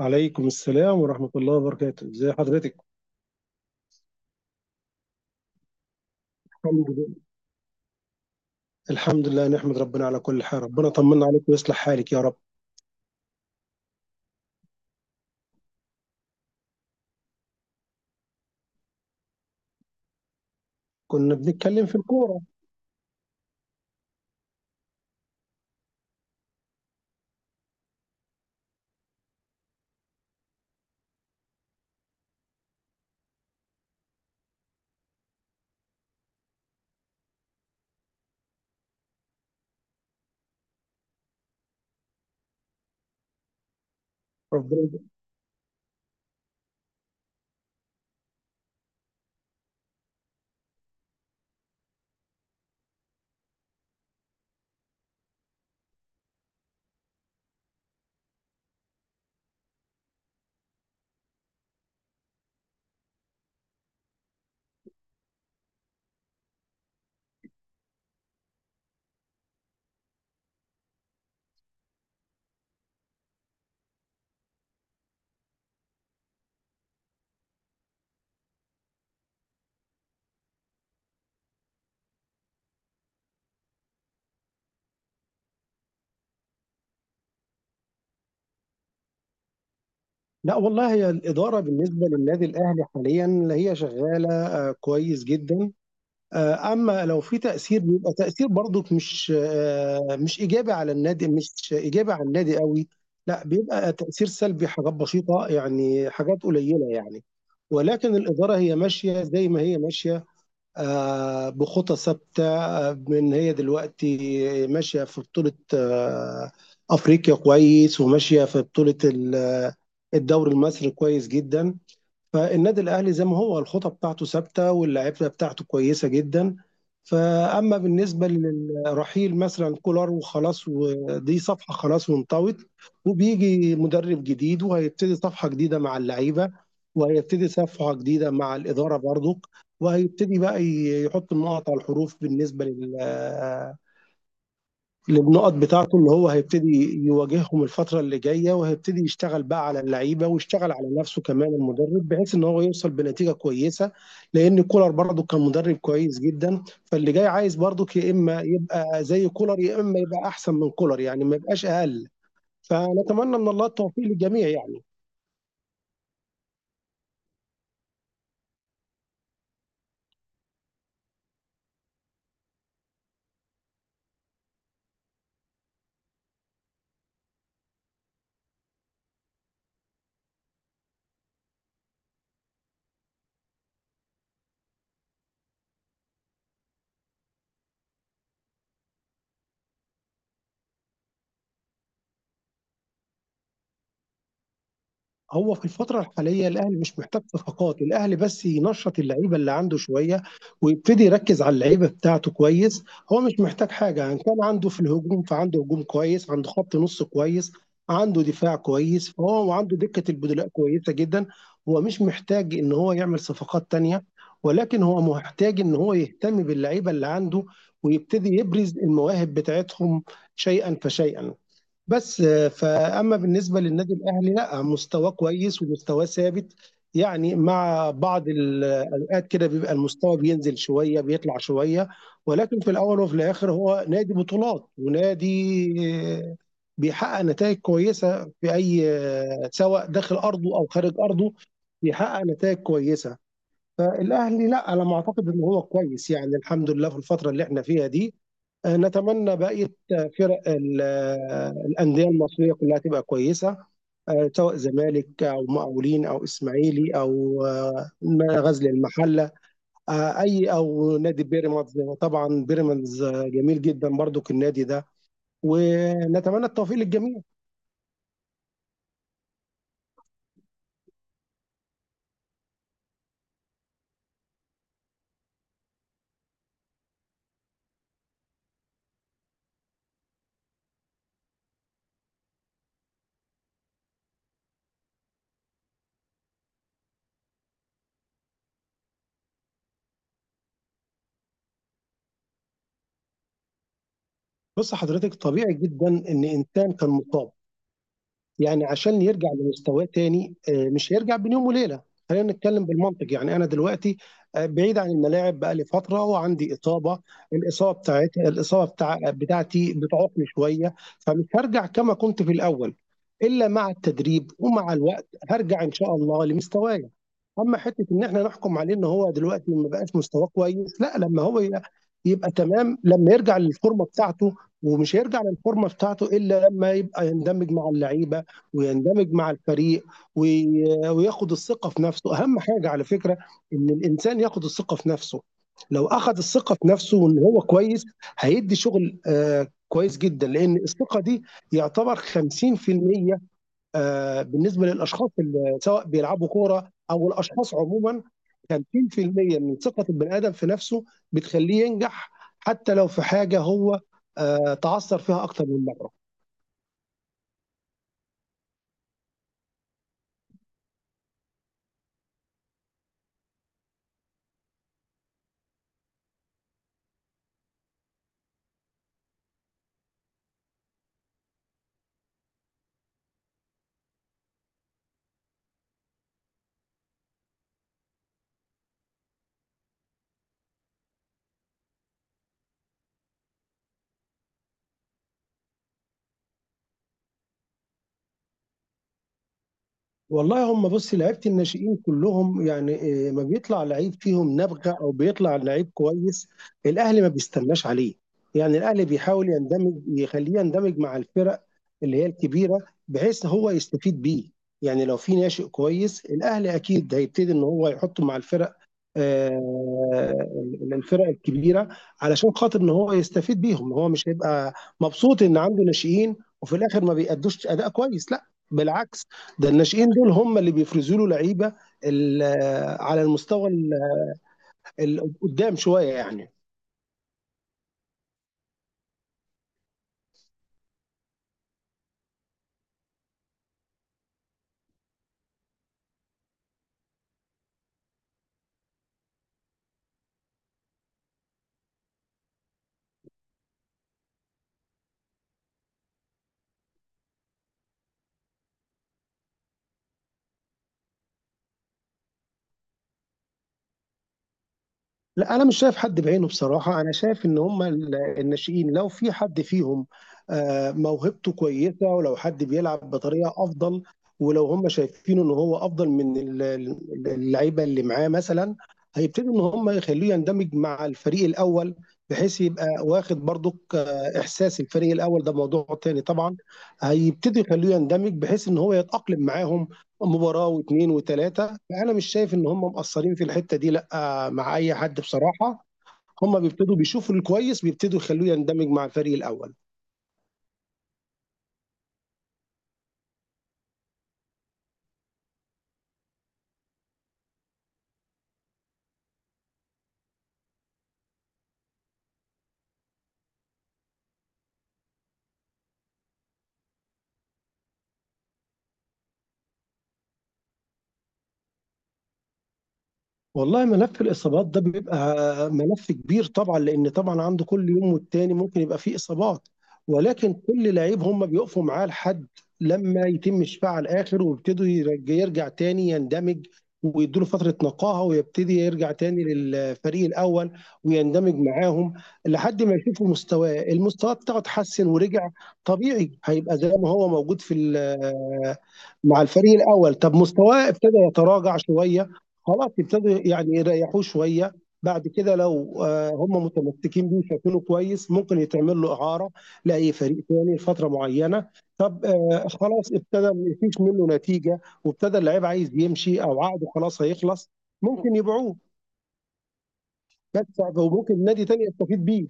عليكم السلام ورحمة الله وبركاته، ازي حضرتك؟ الحمد لله. الحمد لله، نحمد ربنا على كل حال. ربنا طمنا عليك ويصلح حالك يا رب. كنا بنتكلم في الكورة. ربنا يجزيك. لا والله، هي الإدارة بالنسبة للنادي الأهلي حاليا هي شغالة كويس جدا. أما لو في تأثير، بيبقى تأثير برضك مش مش إيجابي على النادي، مش إيجابي على النادي قوي. لا، بيبقى تأثير سلبي، حاجات بسيطة يعني، حاجات قليلة يعني. ولكن الإدارة هي ماشية زي ما هي ماشية، بخطى ثابته. من هي دلوقتي ماشيه في بطوله افريقيا كويس، وماشيه في بطوله الدوري المصري كويس جدا. فالنادي الاهلي زي ما هو، الخطه بتاعته ثابته واللعيبه بتاعته كويسه جدا. فاما بالنسبه للرحيل مثلا كولر، وخلاص، ودي صفحه خلاص وانطوت، وبيجي مدرب جديد وهيبتدي صفحه جديده مع اللعيبه، وهيبتدي صفحه جديده مع الاداره برضك، وهيبتدي بقى يحط النقط على الحروف. بالنسبه للنقط بتاعته، ان هو هيبتدي يواجههم الفتره اللي جايه، وهيبتدي يشتغل بقى على اللعيبه، ويشتغل على نفسه كمان المدرب، بحيث ان هو يوصل بنتيجه كويسه. لان كولر برضه كان مدرب كويس جدا، فاللي جاي عايز برضه يا اما يبقى زي كولر يا اما يبقى احسن من كولر، يعني ما يبقاش اقل. فنتمنى من الله التوفيق للجميع يعني. هو في الفترة الحالية الأهلي مش محتاج صفقات، الأهلي بس ينشط اللعيبة اللي عنده شوية، ويبتدي يركز على اللعيبة بتاعته كويس. هو مش محتاج حاجة، إن كان عنده في الهجوم فعنده هجوم كويس، عنده خط نص كويس، عنده دفاع كويس، فهو وعنده دكة البدلاء كويسة جدا. هو مش محتاج إن هو يعمل صفقات تانية، ولكن هو محتاج إن هو يهتم باللعيبة اللي عنده ويبتدي يبرز المواهب بتاعتهم شيئا فشيئا. بس فأما بالنسبة للنادي الأهلي، لا مستواه كويس ومستواه ثابت. يعني مع بعض الأوقات كده بيبقى المستوى بينزل شوية بيطلع شوية، ولكن في الأول وفي الآخر هو نادي بطولات ونادي آه، بيحقق نتائج كويسة في أي سواء داخل أرضه أو خارج أرضه بيحقق نتائج كويسة. فالاهلي لا، على ما اعتقد ان هو كويس يعني، الحمد لله في الفتره اللي احنا فيها دي. نتمنى بقيه فرق الانديه المصريه كلها تبقى كويسه، سواء زمالك او مقاولين او اسماعيلي او غزل المحله اي او نادي بيراميدز، طبعا بيراميدز جميل جدا برضو النادي ده. ونتمنى التوفيق للجميع. بص حضرتك، طبيعي جدا ان انسان كان مصاب، يعني عشان يرجع لمستواه تاني مش هيرجع بين يوم وليله. خلينا نتكلم بالمنطق، يعني انا دلوقتي بعيد عن الملاعب بقالي فتره وعندي اصابه، الاصابه بتاعتي، الاصابه بتاعتي بتعوقني شويه، فمش هرجع كما كنت في الاول الا مع التدريب، ومع الوقت هرجع ان شاء الله لمستواي. اما حته ان احنا نحكم عليه ان هو دلوقتي ما بقاش مستواه كويس، لا، لما يبقى تمام لما يرجع للفورمه بتاعته، ومش هيرجع للفورمه بتاعته الا لما يبقى يندمج مع اللعيبه ويندمج مع الفريق، وياخد الثقة في نفسه. أهم حاجة على فكرة إن الإنسان ياخد الثقة في نفسه. لو أخد الثقة في نفسه وإن هو كويس، هيدي شغل كويس جدا، لأن الثقة دي يعتبر 50% بالنسبة للأشخاص اللي سواء بيلعبوا كورة أو الأشخاص عموما. 50% من ثقة البني آدم في نفسه بتخليه ينجح، حتى لو في حاجة هو تعثر فيها أكتر من مرة. والله، هم بصي، لعيبه الناشئين كلهم يعني ما بيطلع لعيب فيهم نبغه او بيطلع لعيب كويس، الاهلي ما بيستناش عليه. يعني الاهلي بيحاول يندمج، يخليه يندمج مع الفرق اللي هي الكبيره بحيث هو يستفيد بيه. يعني لو في ناشئ كويس، الاهلي اكيد هيبتدي ان هو يحطه مع الفرق، آه، الفرق الكبيره، علشان خاطر ان هو يستفيد بيهم. هو مش هيبقى مبسوط ان عنده ناشئين وفي الاخر ما بيأدوش اداء كويس، لا بالعكس، ده الناشئين دول هم اللي بيفرزوا له لعيبه ال- على المستوى قدام شويه يعني. لا، انا مش شايف حد بعينه بصراحه. انا شايف ان هم الناشئين لو في حد فيهم موهبته كويسه، ولو حد بيلعب بطريقه افضل، ولو هم شايفينه ان هو افضل من اللعيبه اللي معاه مثلا، هيبتدوا ان هم يخلوه يندمج مع الفريق الاول، بحيث يبقى واخد برضك احساس الفريق الاول، ده موضوع تاني طبعا. هيبتدي يخلوه يندمج بحيث ان هو يتاقلم معاهم مباراه واثنين وثلاثه. فانا مش شايف ان هم مقصرين في الحته دي لا، مع اي حد بصراحه. هم بيبتدوا بيشوفوا الكويس، بيبتدوا يخلوه يندمج مع الفريق الاول. والله، ملف الإصابات ده بيبقى ملف كبير طبعا، لأن طبعا عنده كل يوم والتاني ممكن يبقى فيه إصابات. ولكن كل لعيب هم بيقفوا معاه لحد لما يتم شفاعه على الآخر، ويبتدوا يرجع تاني يندمج، ويدوله فترة نقاهة، ويبتدي يرجع تاني للفريق الأول ويندمج معاهم، لحد ما يشوفوا مستواه المستوى بتاعه اتحسن ورجع طبيعي، هيبقى زي ما هو موجود في مع الفريق الاول. طب مستواه ابتدى يتراجع شويه، خلاص ابتدوا يعني يريحوه شويه. بعد كده لو هم متمسكين بيه شايفينه كويس، ممكن يتعمل له اعاره لاي فريق ثاني لفتره معينه. طب خلاص ابتدى ما فيش منه نتيجه وابتدى اللعيب عايز يمشي او عقده خلاص هيخلص، ممكن يبيعوه بس، وممكن نادي تاني يستفيد بيه.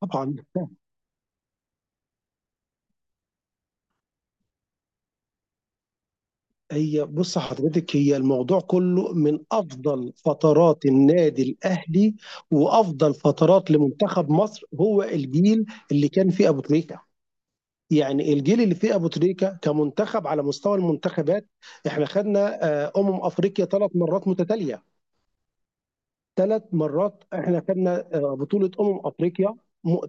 طبعا هي بص حضرتك، هي الموضوع كله، من افضل فترات النادي الاهلي وافضل فترات لمنتخب مصر هو الجيل اللي كان فيه ابو تريكه. يعني الجيل اللي فيه ابو تريكه كمنتخب، على مستوى المنتخبات احنا خدنا افريقيا 3 مرات متتاليه. 3 مرات احنا خدنا بطوله افريقيا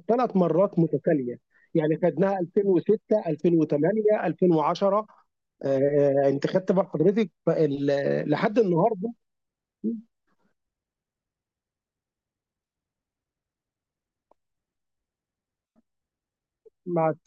3 مرات متتاليه. يعني خدناها 2006، 2008، 2010. آه، انت خدت بقى حضرتك لحد النهارده. مع